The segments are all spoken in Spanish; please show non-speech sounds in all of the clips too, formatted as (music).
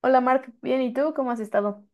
Hola Mark, bien, ¿y tú cómo has estado?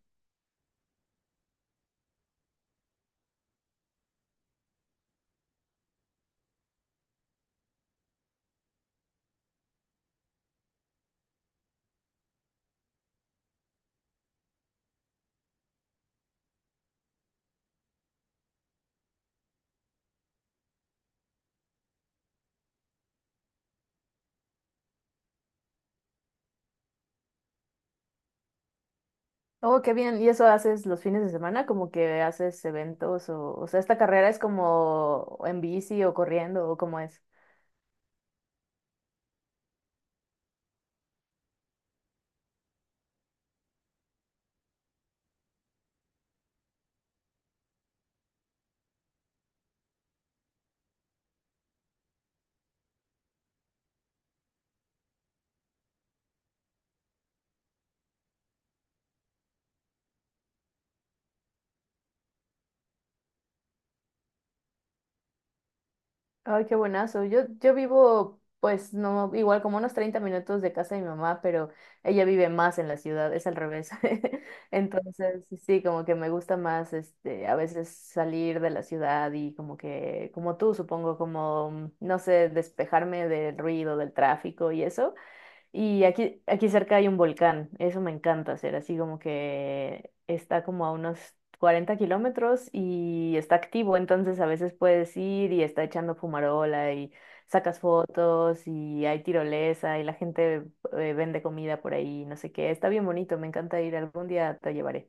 Oh, qué bien, ¿y eso haces los fines de semana? Como que haces eventos o sea, esta carrera es como en bici o corriendo o cómo es. Ay, qué buenazo. Yo vivo, pues, no, igual como unos 30 minutos de casa de mi mamá, pero ella vive más en la ciudad, es al revés. (laughs) Entonces, sí, como que me gusta más, este, a veces salir de la ciudad y como que, como tú, supongo, como, no sé, despejarme del ruido, del tráfico y eso. Y aquí cerca hay un volcán, eso me encanta hacer, así como que está como a unos 40 kilómetros y está activo, entonces a veces puedes ir y está echando fumarola y sacas fotos y hay tirolesa y la gente vende comida por ahí, no sé qué, está bien bonito, me encanta ir, algún día te llevaré.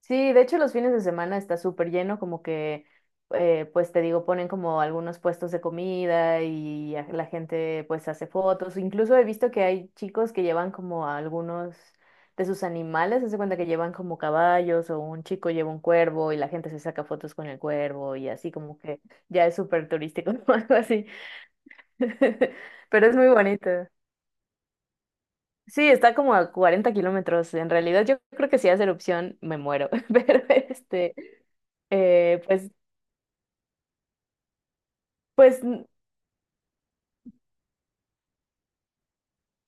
Sí, de hecho los fines de semana está súper lleno, como que, pues te digo, ponen como algunos puestos de comida y la gente pues hace fotos. Incluso he visto que hay chicos que llevan como a algunos de sus animales, se cuenta que llevan como caballos o un chico lleva un cuervo y la gente se saca fotos con el cuervo y así como que ya es súper turístico (laughs) o algo así. (laughs) Pero es muy bonito. Sí, está como a 40 kilómetros. En realidad yo creo que si hace erupción me muero, (laughs) pero este... Eh, pues, pues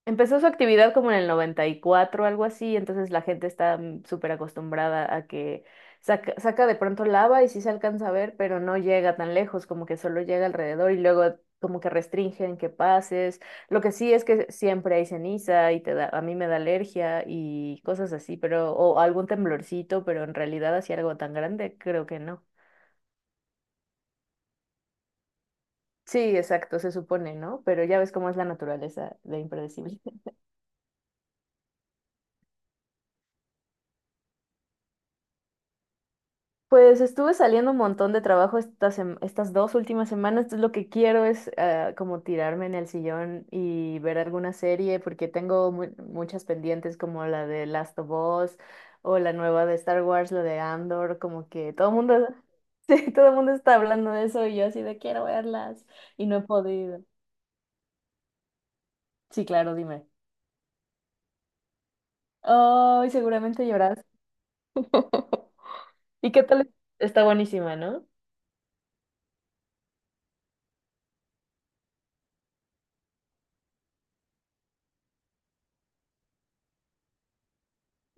empezó su actividad como en el 94, algo así, entonces la gente está súper acostumbrada a que saca, saca de pronto lava y sí se alcanza a ver, pero no llega tan lejos, como que solo llega alrededor y luego como que restringen que pases. Lo que sí es que siempre hay ceniza y te da, a mí me da alergia y cosas así, pero, o algún temblorcito, pero en realidad así algo tan grande, creo que no. Sí, exacto, se supone, ¿no? Pero ya ves cómo es la naturaleza de impredecible. Pues estuve saliendo un montón de trabajo estas dos últimas semanas, entonces lo que quiero es como tirarme en el sillón y ver alguna serie porque tengo muchas pendientes como la de Last of Us o la nueva de Star Wars, la de Andor, como que todo el mundo, (laughs) sí, todo el mundo está hablando de eso y yo así de quiero verlas y no he podido. Sí, claro, dime. Ay, seguramente lloras. (laughs) ¿Y qué tal? Está buenísima, ¿no?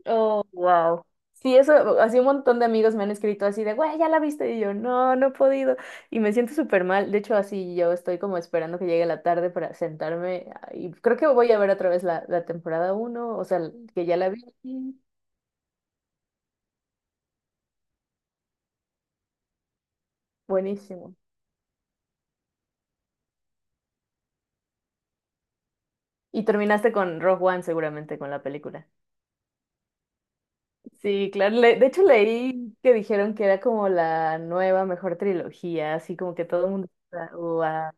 Oh, wow. Sí, eso, así un montón de amigos me han escrito así de, güey, ya la viste. Y yo, no, no he podido. Y me siento súper mal. De hecho, así yo estoy como esperando que llegue la tarde para sentarme. Y creo que voy a ver otra vez la temporada uno, o sea, que ya la vi. Buenísimo. Y terminaste con Rogue One, seguramente, con la película. Sí, claro. De hecho, leí que dijeron que era como la nueva mejor trilogía, así como que todo el mundo está, "Guau".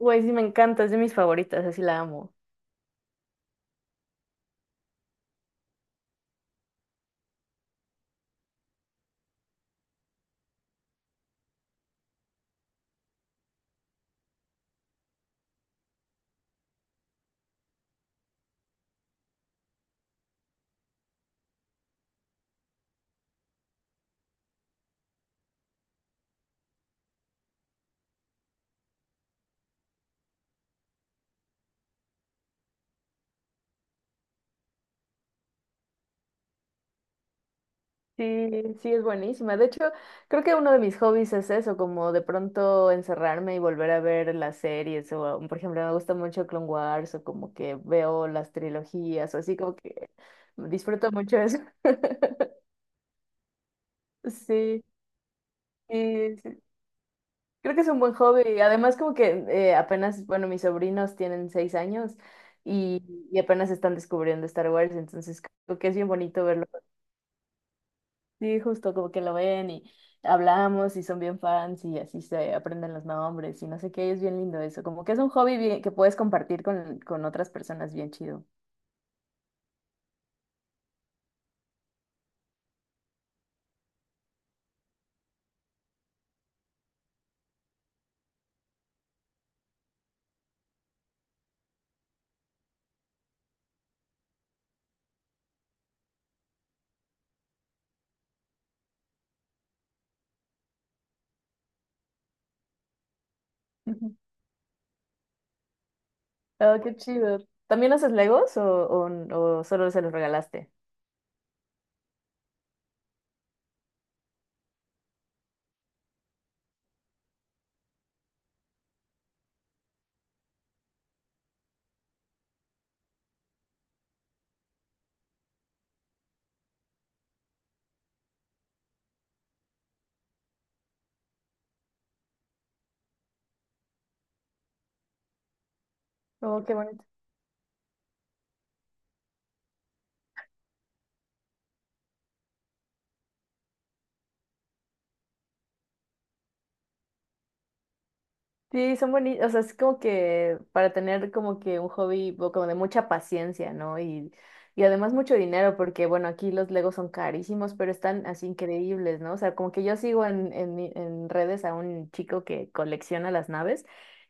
Güey, sí, me encanta, es de mis favoritas, así la amo. Sí, sí, es buenísima. De hecho, creo que uno de mis hobbies es eso, como de pronto encerrarme y volver a ver las series. O, por ejemplo, me gusta mucho Clone Wars o como que veo las trilogías o así como que disfruto mucho eso. (laughs) Sí, sí, sí. Creo que es un buen hobby. Además, como que apenas, bueno, mis sobrinos tienen 6 años y, y apenas están descubriendo Star Wars, entonces creo que es bien bonito verlo. Sí, justo como que lo ven y hablamos y son bien fans y así se aprenden los nombres y no sé qué, es bien lindo eso, como que es un hobby bien- que puedes compartir con otras personas, bien chido. Ujú. Oh, qué chido. ¿También haces Legos o, o solo se los regalaste? Oh, qué bonito. Sí, son bonitos, o sea, es como que para tener como que un hobby o como de mucha paciencia, ¿no? Y además mucho dinero, porque bueno, aquí los Legos son carísimos, pero están así increíbles, ¿no? O sea, como que yo sigo en redes a un chico que colecciona las naves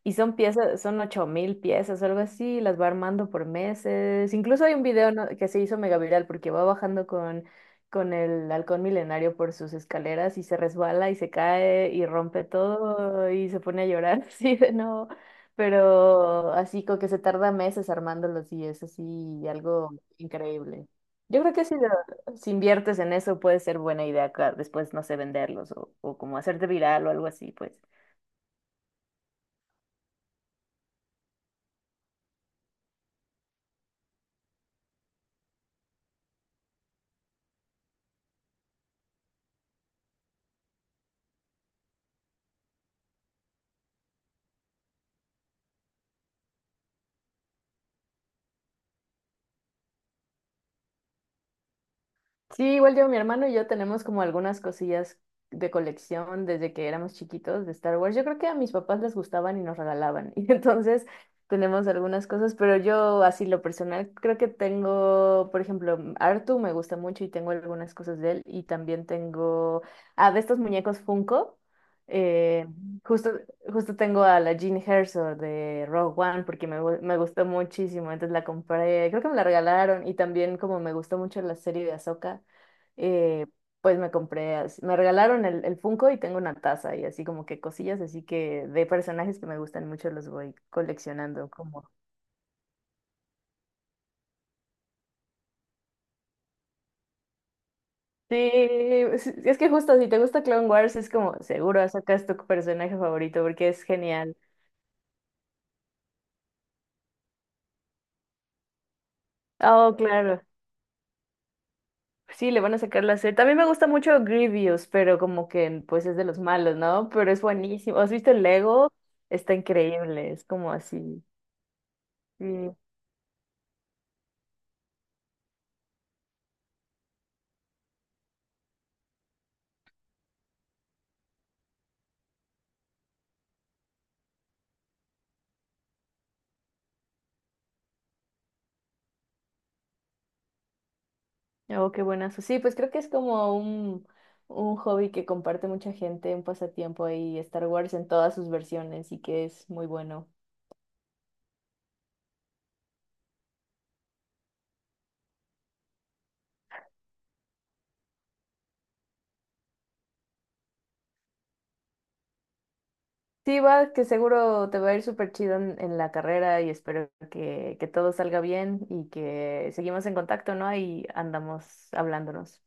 y son piezas, son 8.000 piezas o algo así, las va armando por meses. Incluso hay un video, ¿no?, que se hizo mega viral porque va bajando con el halcón milenario por sus escaleras y se resbala y se cae y rompe todo y se pone a llorar (laughs) así de no, pero así como que se tarda meses armándolos y es así algo increíble. Yo creo que si, si inviertes en eso puede ser buena idea después, no sé, venderlos o, como hacerte viral o algo así, pues. Sí, igual yo, mi hermano y yo tenemos como algunas cosillas de colección desde que éramos chiquitos de Star Wars. Yo creo que a mis papás les gustaban y nos regalaban. (laughs) Y entonces tenemos algunas cosas, pero yo así lo personal creo que tengo, por ejemplo, Artu me gusta mucho y tengo algunas cosas de él. Y también tengo, de estos muñecos Funko. eh, justo Justo tengo a la Jean Herzog de Rogue One porque me gustó muchísimo, entonces la compré, creo que me la regalaron y también como me gustó mucho la serie de Ahsoka, eh, pues me regalaron el Funko y tengo una taza y así como que cosillas, así que de personajes que me gustan mucho los voy coleccionando como... Sí, es que justo si te gusta Clone Wars es como seguro Ahsoka es tu personaje favorito porque es genial. Oh, claro. Sí, le van a sacar la serie. También me gusta mucho Grievous, pero como que pues es de los malos, ¿no? Pero es buenísimo. ¿Has visto el Lego? Está increíble, es como así. Sí. Oh, qué buenazo. Sí, pues creo que es como un hobby que comparte mucha gente, un pasatiempo ahí, Star Wars en todas sus versiones y que es muy bueno. Sí, va, que seguro te va a ir súper chido en la carrera y espero que, todo salga bien y que seguimos en contacto, ¿no? Ahí andamos hablándonos.